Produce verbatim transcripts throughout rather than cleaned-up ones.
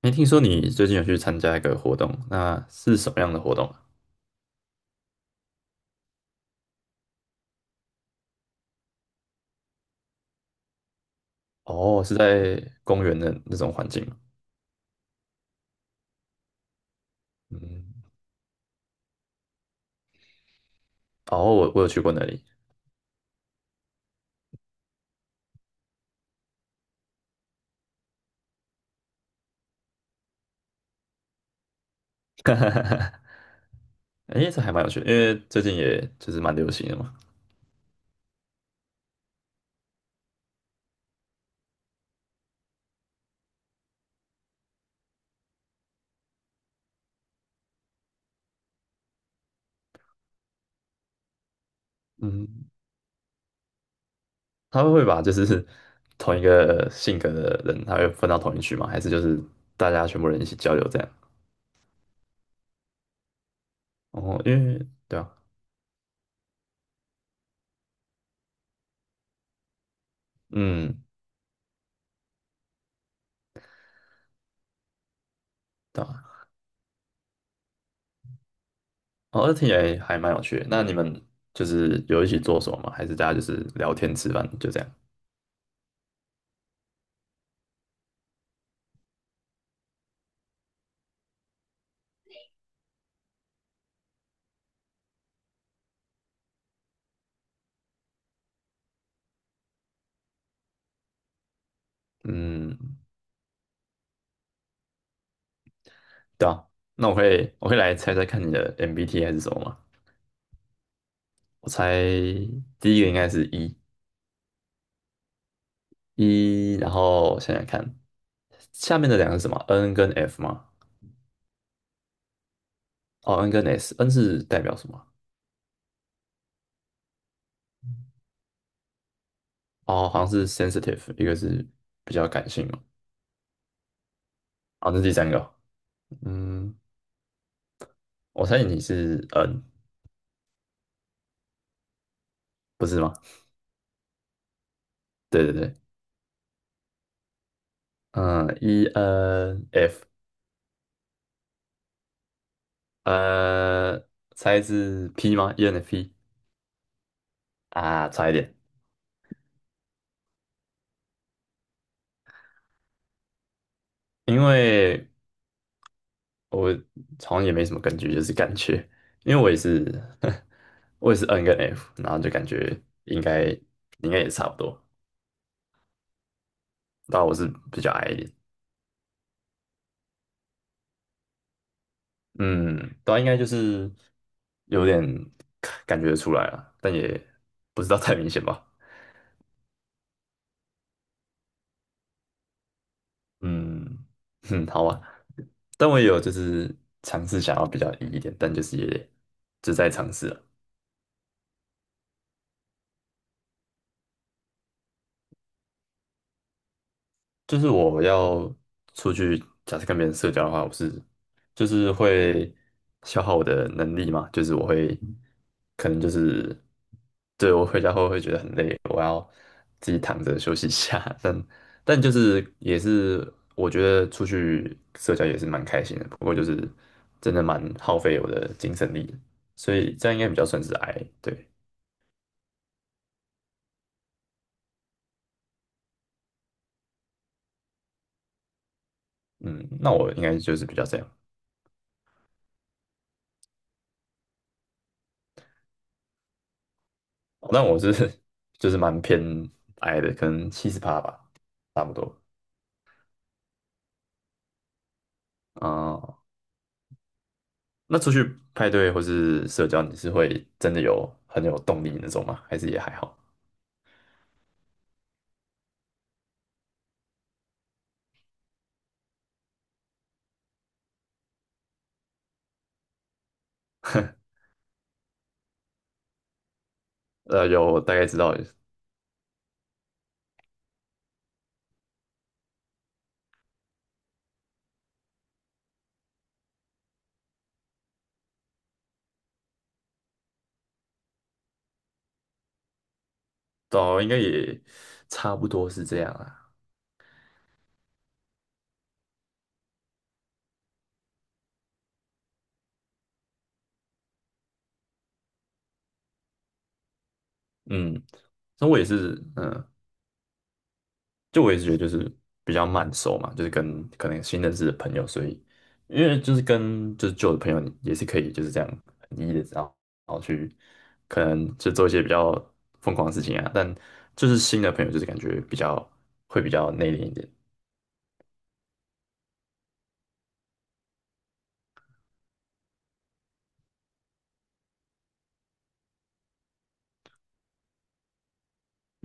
没听说你最近有去参加一个活动，那是什么样的活动啊？哦，是在公园的那种环境吗？嗯，哦，我我有去过那里，哎这还蛮有趣的，因为最近也就是蛮流行的嘛。嗯，他们会把就是 同一个性格的人，他会分到同一区吗？还是就是大家全部人一起交流这样？哦，因为对啊，嗯，对啊，哦，那听起来还蛮有趣的。那你们就是有一起做什么吗？还是大家就是聊天吃饭就这样？嗯，对啊，那我会我会来猜猜看你的 M B T I 是什么吗？我猜第一个应该是 E E，然后想想看，下面的两个是什么？N 跟 F 吗？哦，N 跟 S，N 是代表什么？哦，好像是 sensitive，一个是比较感性嘛。好，那第三个，嗯，我猜你是 N，不是吗？对对对，嗯，E N F，呃，猜是 P 吗？E N F P 啊，差一点，因为。我好像也没什么根据，就是感觉，因为我也是，我也是 N 跟 F，然后就感觉应该应该也差不多，但我是比较矮一点，嗯，但应该就是有点感觉得出来了，但也不知道太明显吧，嗯嗯，好吧，但我也有就是尝试想要比较 E 一点，但就是也就在尝试啊就是我要出去，假设跟别人社交的话，我是就是会消耗我的能力嘛，就是我会可能就是对我回家后会觉得很累，我要自己躺着休息一下。但但就是也是我觉得出去社交也是蛮开心的，不过就是真的蛮耗费我的精神力的所以这样应该比较算是 I 对，嗯，那我应该就是比较这样。哦那我是 就是蛮偏矮的，可能七十趴吧，差不多。啊、那出去派对或是社交，你是会真的有很有动力那种吗？还是也还好？呃，有大概知道，哦，应该也差不多是这样啊。嗯，那我也是，嗯，就我也是觉得就是比较慢熟嘛，就是跟可能新认识的朋友，所以因为就是跟就是旧的朋友也是可以就是这样很一的，然后然后去可能就做一些比较疯狂的事情啊，但就是新的朋友就是感觉比较会比较内敛一点，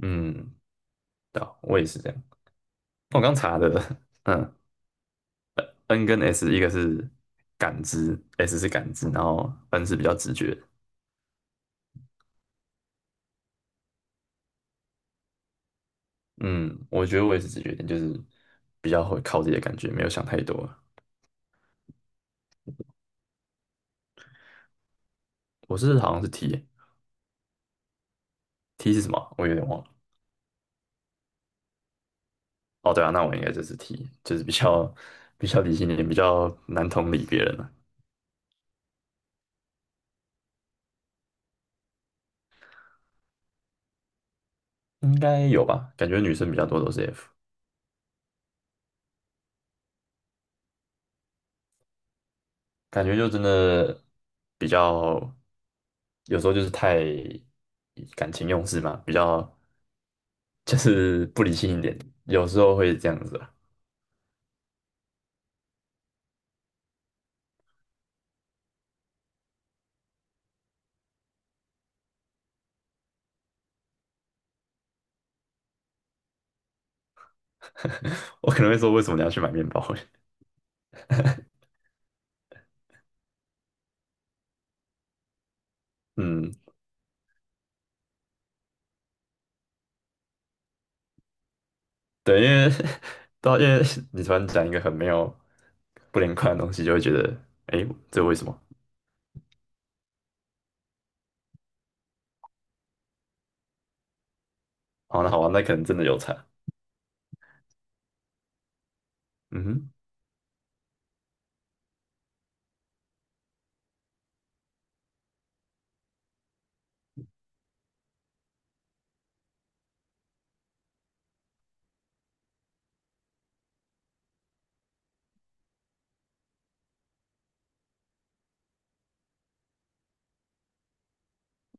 嗯，对啊我也是这样。我刚查的，嗯，N 跟 S 一个是感知，S 是感知，然后 N 是比较直觉的嗯，我觉得我也是直觉一点，就是比较会靠自己的感觉，没有想太多。我是好像是 T 欸 t 是什么啊我有点忘了。哦，对啊，那我应该就是 T，就是比较比较理性一点，比较难同理别人了，应该有吧？感觉女生比较多都是 F，感觉就真的比较有时候就是太感情用事嘛，比较就是不理性一点，有时候会这样子啊 我可能会说为什么你要去买面包？嗯，对，因为 到因为你突然讲一个很没有不连贯的东西，就会觉得，哎，这为什么？好，那好吧，那可能真的有差。嗯哼，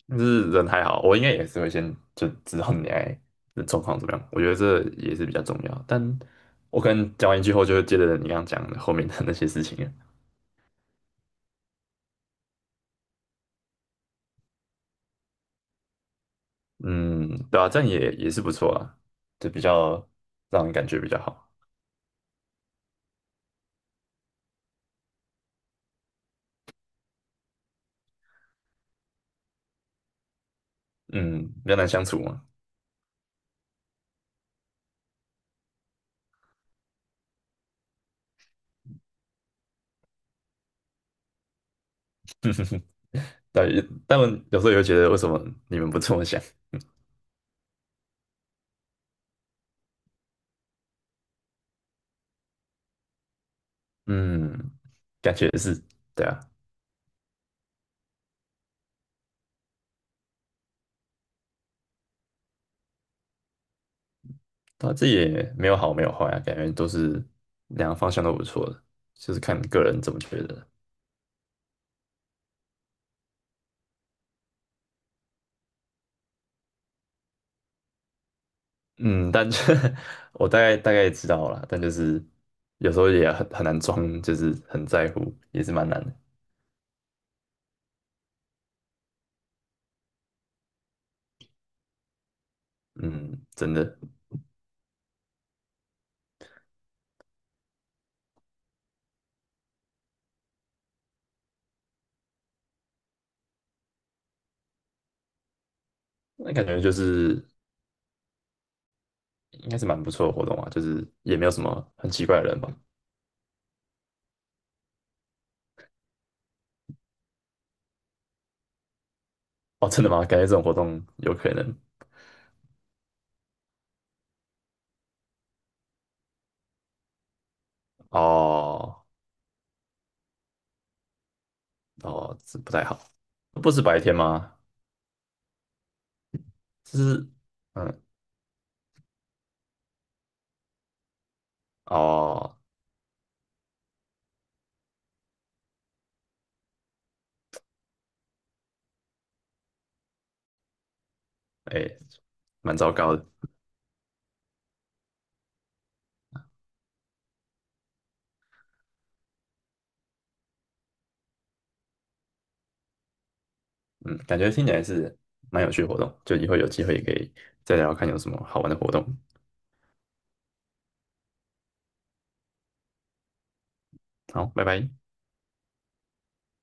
就是人还好，我应该也是会先就知道你爱的状况怎么样。我觉得这也是比较重要。但我可能讲完一句后，就会接着你刚刚讲的后面的那些事情了。嗯，对啊，这样也也是不错啊，就比较让人感觉比较好。嗯，比较难相处嘛。但也但有时候也会觉得，为什么你们不这么想？嗯，感觉是，对啊。他这也没有好没有坏啊，感觉都是两个方向都不错的，就是看个人怎么觉得。嗯，但就 我大概大概知道了但就是有时候也很很难装，就是很在乎，也是蛮难的。嗯，真的，那感觉就是应该是蛮不错的活动啊，就是也没有什么很奇怪的人吧。哦，真的吗？感觉这种活动有可能哦哦，这不太好。不是白天吗？就是嗯哦，哎、蛮糟糕的。嗯，感觉听起来是蛮有趣的活动，就以后有机会也可以再聊看有什么好玩的活动。好，拜拜。